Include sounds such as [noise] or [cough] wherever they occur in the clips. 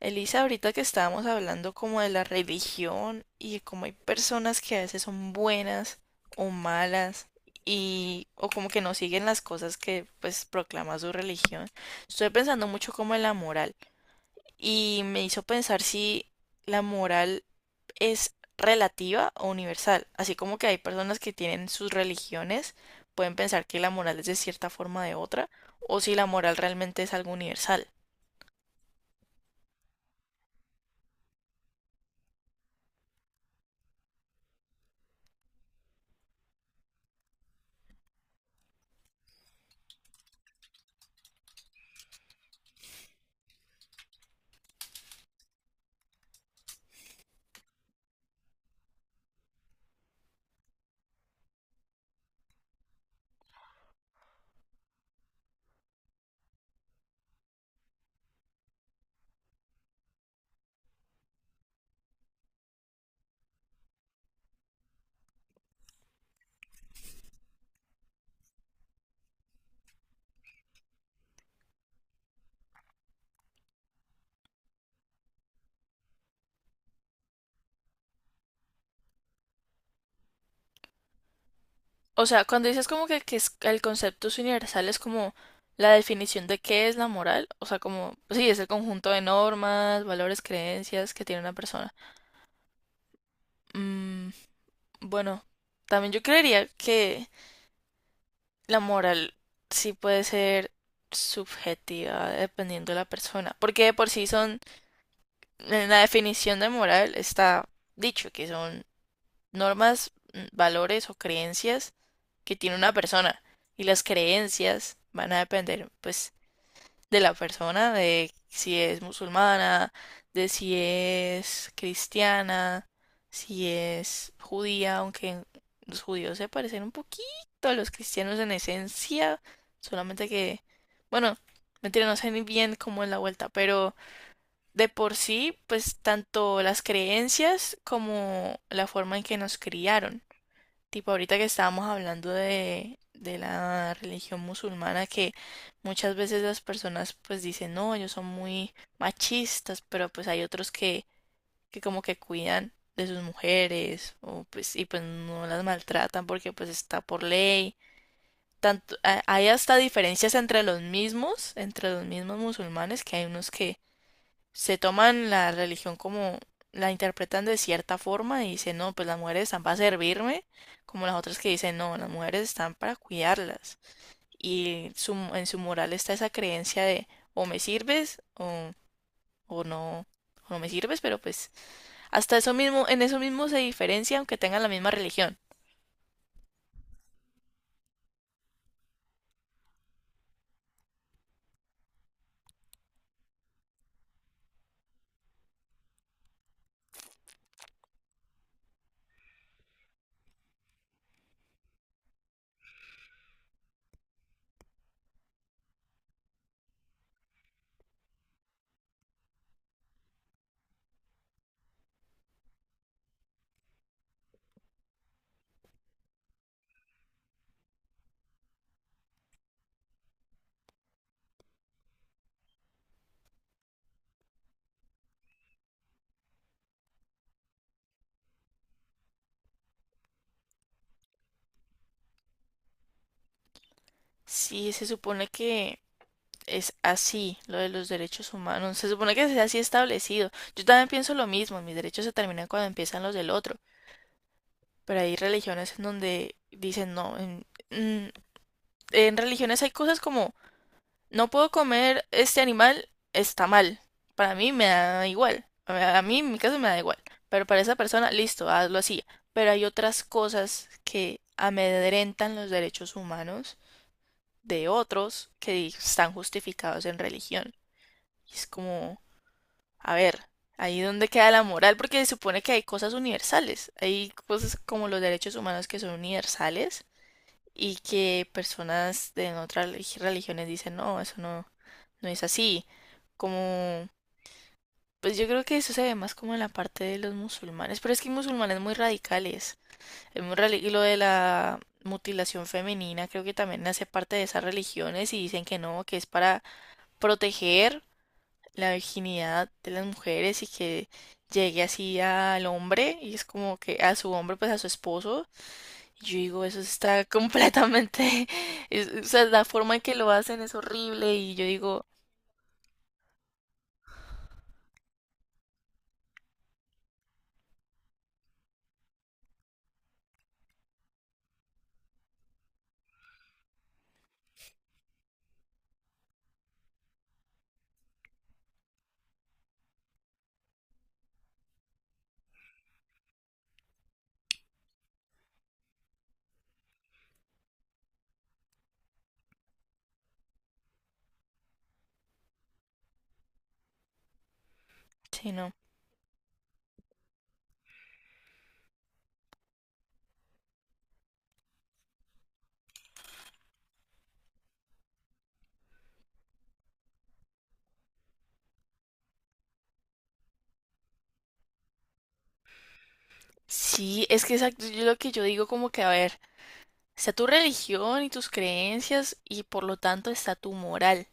Elisa, ahorita que estábamos hablando como de la religión y como hay personas que a veces son buenas o malas y o como que no siguen las cosas que pues proclama su religión. Estoy pensando mucho como en la moral y me hizo pensar si la moral es relativa o universal, así como que hay personas que tienen sus religiones pueden pensar que la moral es de cierta forma o de otra o si la moral realmente es algo universal. O sea, cuando dices como que, es- el concepto es universal, es como la definición de qué es la moral. O sea, como, sí, es el conjunto de normas, valores, creencias que tiene una persona. Mm, bueno, también yo creería que la moral sí puede ser subjetiva dependiendo de la persona. Porque de por sí son, en la definición de moral está dicho que son normas, valores o creencias que tiene una persona. Y las creencias van a depender, pues de la persona, de si es musulmana, de si es cristiana, si es judía, aunque los judíos se parecen un poquito a los cristianos en esencia, solamente que, bueno, mentira, no sé ni bien cómo es la vuelta, pero de por sí, pues tanto las creencias como la forma en que nos criaron. Tipo, ahorita que estábamos hablando de la religión musulmana, que muchas veces las personas pues dicen, no, ellos son muy machistas, pero pues hay otros que como que cuidan de sus mujeres o pues y pues no las maltratan porque pues está por ley. Tanto, hay hasta diferencias entre los mismos musulmanes, que hay unos que se toman la religión como la interpretan de cierta forma y dicen, no, pues las mujeres están para servirme, como las otras que dicen, no, las mujeres están para cuidarlas. Y su, en su moral está esa creencia de o me sirves o no me sirves, pero pues hasta eso mismo, en eso mismo se diferencia aunque tengan la misma religión. Sí, se supone que es así lo de los derechos humanos, se supone que sea así establecido. Yo también pienso lo mismo, mis derechos se terminan cuando empiezan los del otro. Pero hay religiones en donde dicen no. En, en religiones hay cosas como no puedo comer este animal, está mal. Para mí me da igual. A mí en mi caso me da igual. Pero para esa persona, listo, hazlo así. Pero hay otras cosas que amedrentan los derechos humanos de otros que están justificados en religión. Y es como, a ver, ahí donde queda la moral, porque se supone que hay cosas universales. Hay cosas como los derechos humanos que son universales y que personas de otras religiones dicen, no, eso no, no es así. Como, pues yo creo que eso se ve más como en la parte de los musulmanes, pero es que hay musulmanes muy radicales. Es muy y lo de la mutilación femenina creo que también hace parte de esas religiones y dicen que no, que es para proteger la virginidad de las mujeres y que llegue así al hombre y es como que a su hombre, pues a su esposo y yo digo, eso está completamente, [laughs] es- o sea, la forma en que lo hacen es horrible y yo digo, sí, no. Sí, es que exacto, yo lo que yo digo como que, a ver, está tu religión y tus creencias y por lo tanto está tu moral.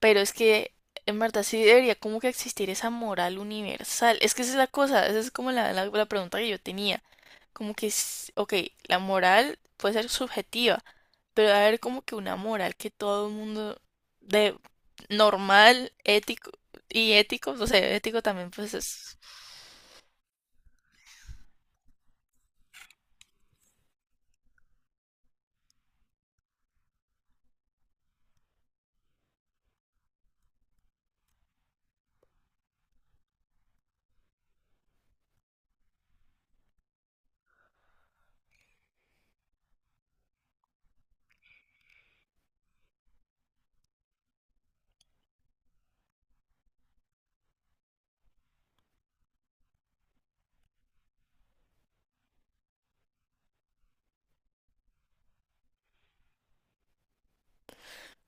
Pero es que, en verdad, sí debería como que existir esa moral universal. Es que esa es la cosa, esa es como la pregunta que yo tenía. Como que, s- ok, la moral puede ser subjetiva pero debe haber como que una moral que todo el mundo de normal, ético, o sea, ético también pues es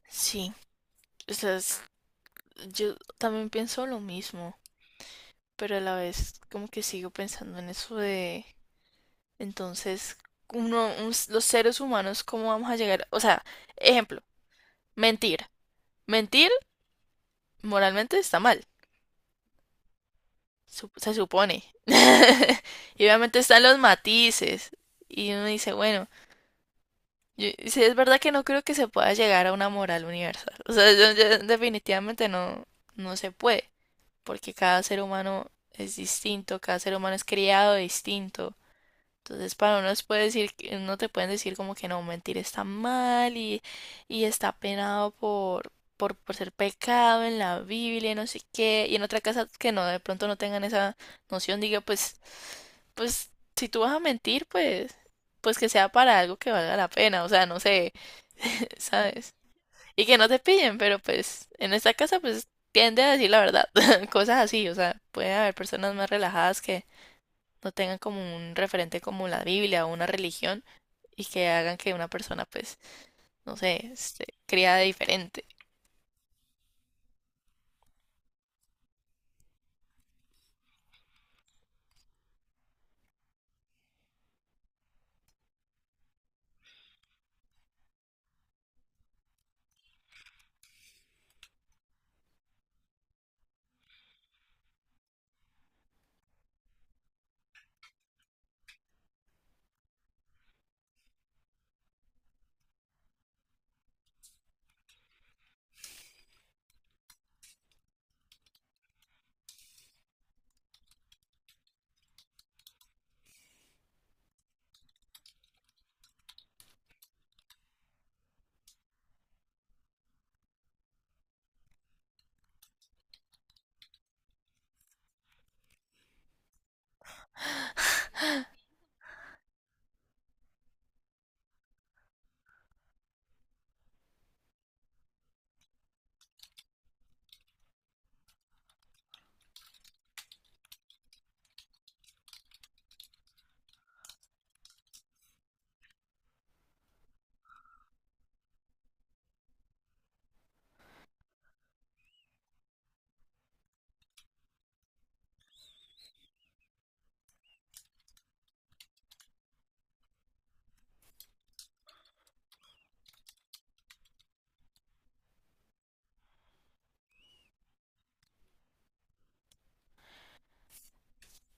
sí, o sea, es- yo también pienso lo mismo, pero a la vez como que sigo pensando en eso de entonces los seres humanos cómo vamos a llegar, o sea, ejemplo, mentir. Mentir moralmente está mal, se supone. [laughs] Y obviamente están los matices y uno dice, bueno, sí, es verdad que no creo que se pueda llegar a una moral universal. O sea, yo definitivamente no, no se puede, porque cada ser humano es distinto, cada ser humano es criado distinto. Entonces, para unos puede decir, no te pueden decir como que no, mentir está mal y está penado por ser pecado en la Biblia y no sé qué. Y en otra casa que no, de pronto no tengan esa noción, diga, pues, si tú vas a mentir, pues que sea para algo que valga la pena. O sea, no sé. ¿Sabes? Y que no te pillen, pero pues en esta casa pues tiende a decir la verdad, [laughs] cosas así, o sea, puede haber personas más relajadas que no tengan como un referente como la Biblia o una religión y que hagan que una persona pues, no sé, se cría de diferente.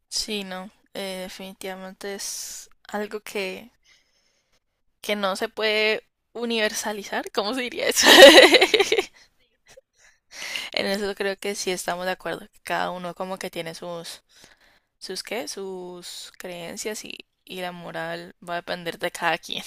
Sí, no, definitivamente es algo que no se puede universalizar, ¿cómo se diría eso? [laughs] En eso creo que sí estamos de acuerdo, que cada uno como que tiene sus sus creencias y la moral va a depender de cada quien.